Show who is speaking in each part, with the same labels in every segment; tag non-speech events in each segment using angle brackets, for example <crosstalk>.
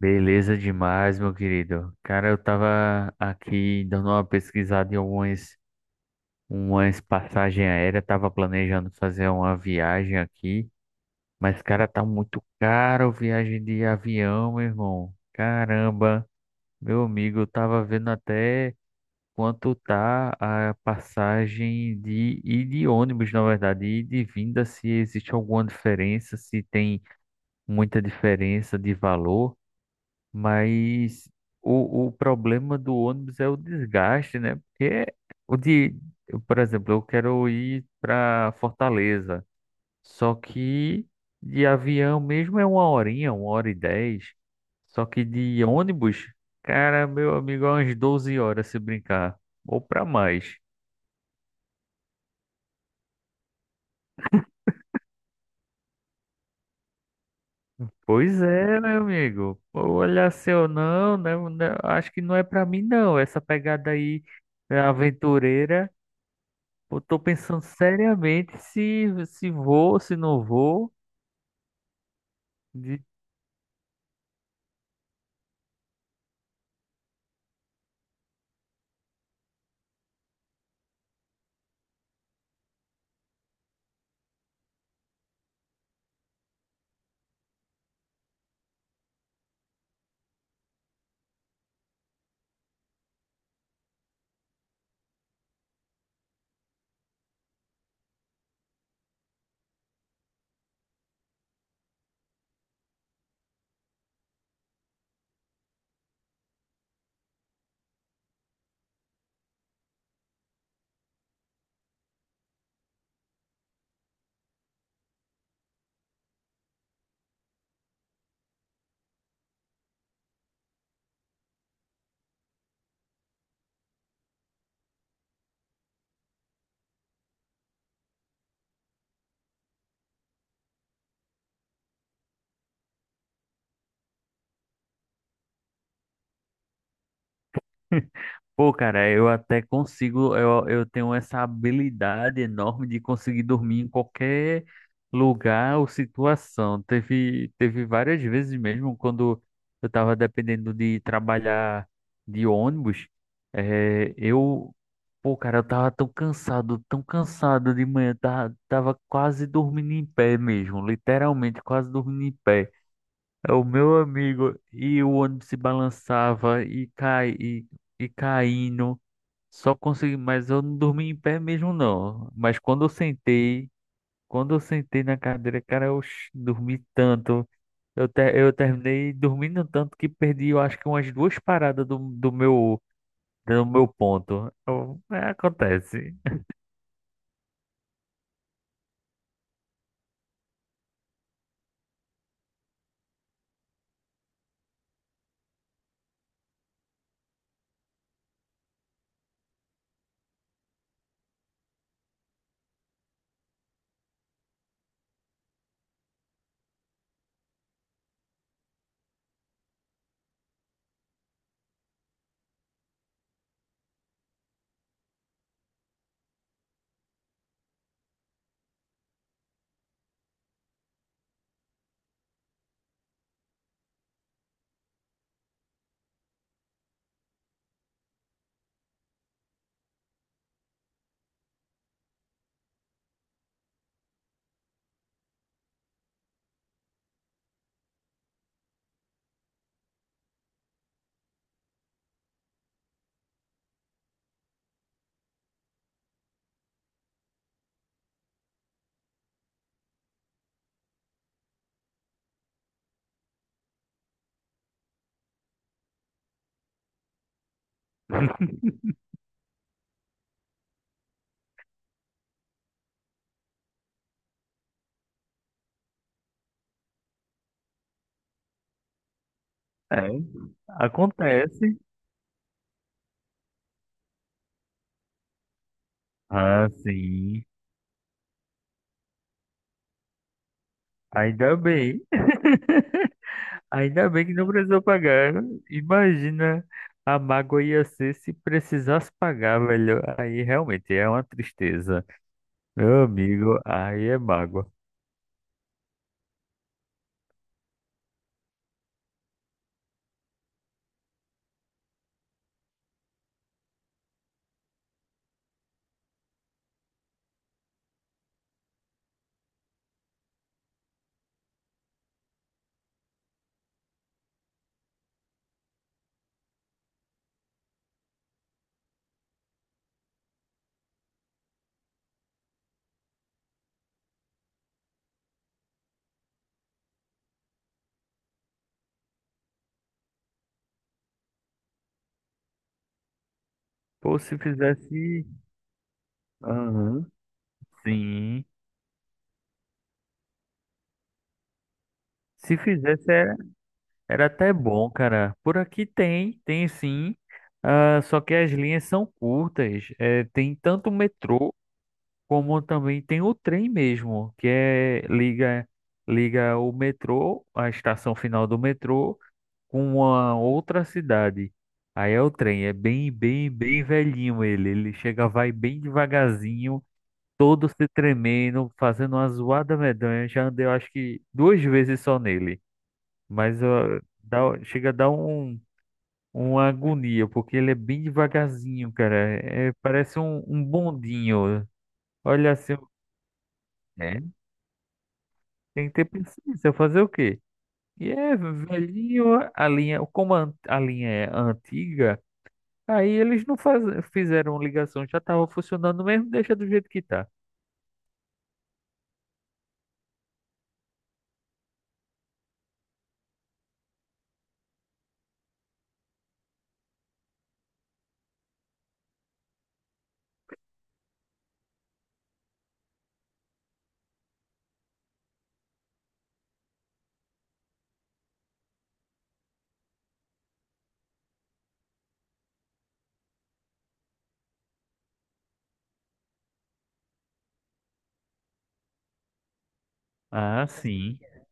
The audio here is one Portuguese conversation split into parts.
Speaker 1: Beleza demais, meu querido. Cara, eu tava aqui dando uma pesquisada em algumas umas passagens aéreas, tava planejando fazer uma viagem aqui, mas cara, tá muito caro viagem de avião, meu irmão. Caramba, meu amigo, eu tava vendo até quanto tá a passagem de ônibus, na verdade, e de vinda, se existe alguma diferença, se tem muita diferença de valor. Mas o problema do ônibus é o desgaste, né? Porque o de, eu, por exemplo, eu quero ir para Fortaleza, só que de avião mesmo é uma horinha, 1 hora e 10. Só que de ônibus, cara, meu amigo, é umas 12 horas se brincar, ou para mais. Pois é, meu amigo. Olha, seu, não, né? Né, Acho que não é para mim, não. Essa pegada aí é aventureira. Eu tô pensando seriamente se vou, se não vou. De... <laughs> Pô, cara, eu até consigo, eu tenho essa habilidade enorme de conseguir dormir em qualquer lugar ou situação. Teve várias vezes mesmo quando eu tava dependendo de trabalhar de ônibus, eh, eu, pô, cara, eu tava tão cansado de manhã, tava quase dormindo em pé mesmo, literalmente quase dormindo em pé. É, o meu amigo, e o ônibus se balançava e cai e caindo. Só consegui, mas eu não dormi em pé mesmo, não. Mas quando eu sentei na cadeira, cara, eu dormi tanto. Eu terminei dormindo tanto que perdi, eu acho que umas duas paradas do meu ponto. É, acontece. <laughs> É, acontece. Ah, sim. Ainda bem. <laughs> Ainda bem que não precisou pagar. Imagina a mágoa ia ser se precisasse pagar, velho. Aí realmente é uma tristeza. Meu amigo, aí é mágoa. Pô, se fizesse. Aham. Sim. Se fizesse, era, era até bom, cara. Por aqui tem, tem sim. Ah, só que as linhas são curtas. É, tem tanto o metrô como também tem o trem mesmo, que é liga o metrô, a estação final do metrô com uma outra cidade. Aí é o trem, é bem, bem, bem velhinho ele. Ele chega, vai bem devagarzinho, todo se tremendo, fazendo uma zoada medonha. Já andei, eu acho que duas vezes só nele. Mas ó, chega a dar uma agonia, porque ele é bem devagarzinho, cara. É, parece um bondinho. Olha assim, é, tem que ter paciência, fazer o quê? E é velhinho a linha, como a linha é antiga. Aí eles não faz... fizeram ligação, já tava funcionando mesmo, deixa do jeito que tá. Ah, sim, entendi.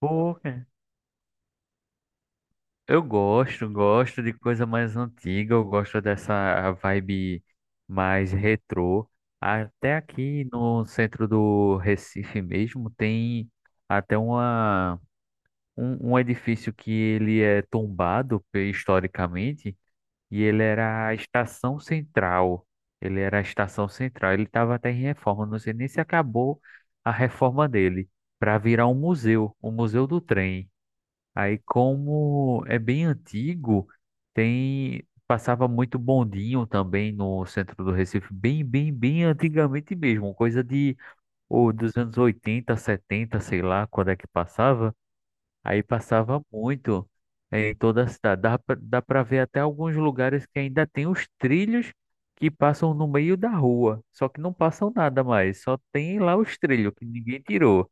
Speaker 1: Pô, cara, eu gosto, gosto de coisa mais antiga, eu gosto dessa vibe mais retrô. Até aqui no centro do Recife mesmo tem até um edifício que ele é tombado historicamente. E ele era a estação central. Ele era a estação central. Ele estava até em reforma. Não sei nem se acabou a reforma dele para virar um museu, o Museu do Trem. Aí, como é bem antigo, tem passava muito bondinho também no centro do Recife, bem, bem, bem antigamente mesmo, coisa de ou dos anos 80, 70, sei lá, quando é que passava. Aí passava muito em toda a cidade. Dá pra ver até alguns lugares que ainda tem os trilhos que passam no meio da rua. Só que não passam nada mais. Só tem lá os trilhos que ninguém tirou.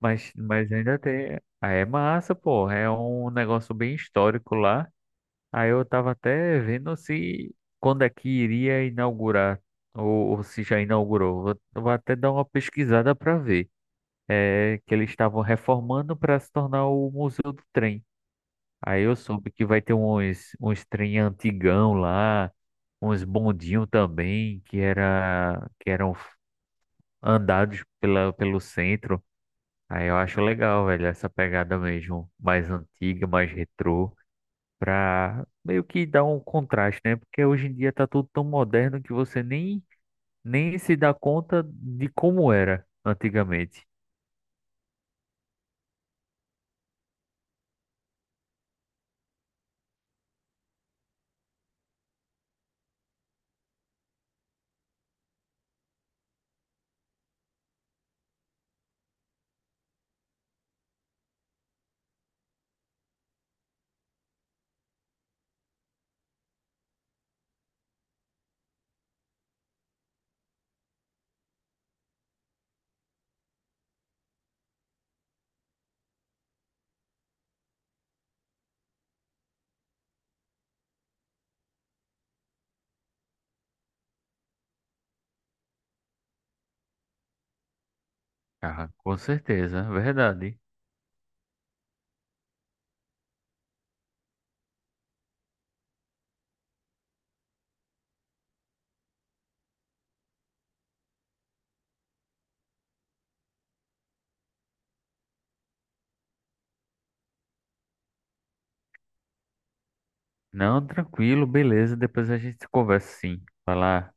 Speaker 1: Mas ainda tem. Ah, é massa, pô. É um negócio bem histórico lá. Aí eu tava até vendo se quando é que iria inaugurar. Ou se já inaugurou. Vou até dar uma pesquisada pra ver. É que eles estavam reformando para se tornar o Museu do Trem. Aí eu soube que vai ter uns, uns trem antigão lá, uns bondinhos também, que eram andados pela, pelo centro. Aí eu acho legal, velho, essa pegada mesmo, mais antiga, mais retrô, pra meio que dar um contraste, né? Porque hoje em dia tá tudo tão moderno que você nem se dá conta de como era antigamente. Ah, com certeza, verdade. Não, tranquilo, beleza. Depois a gente conversa, sim. Falar.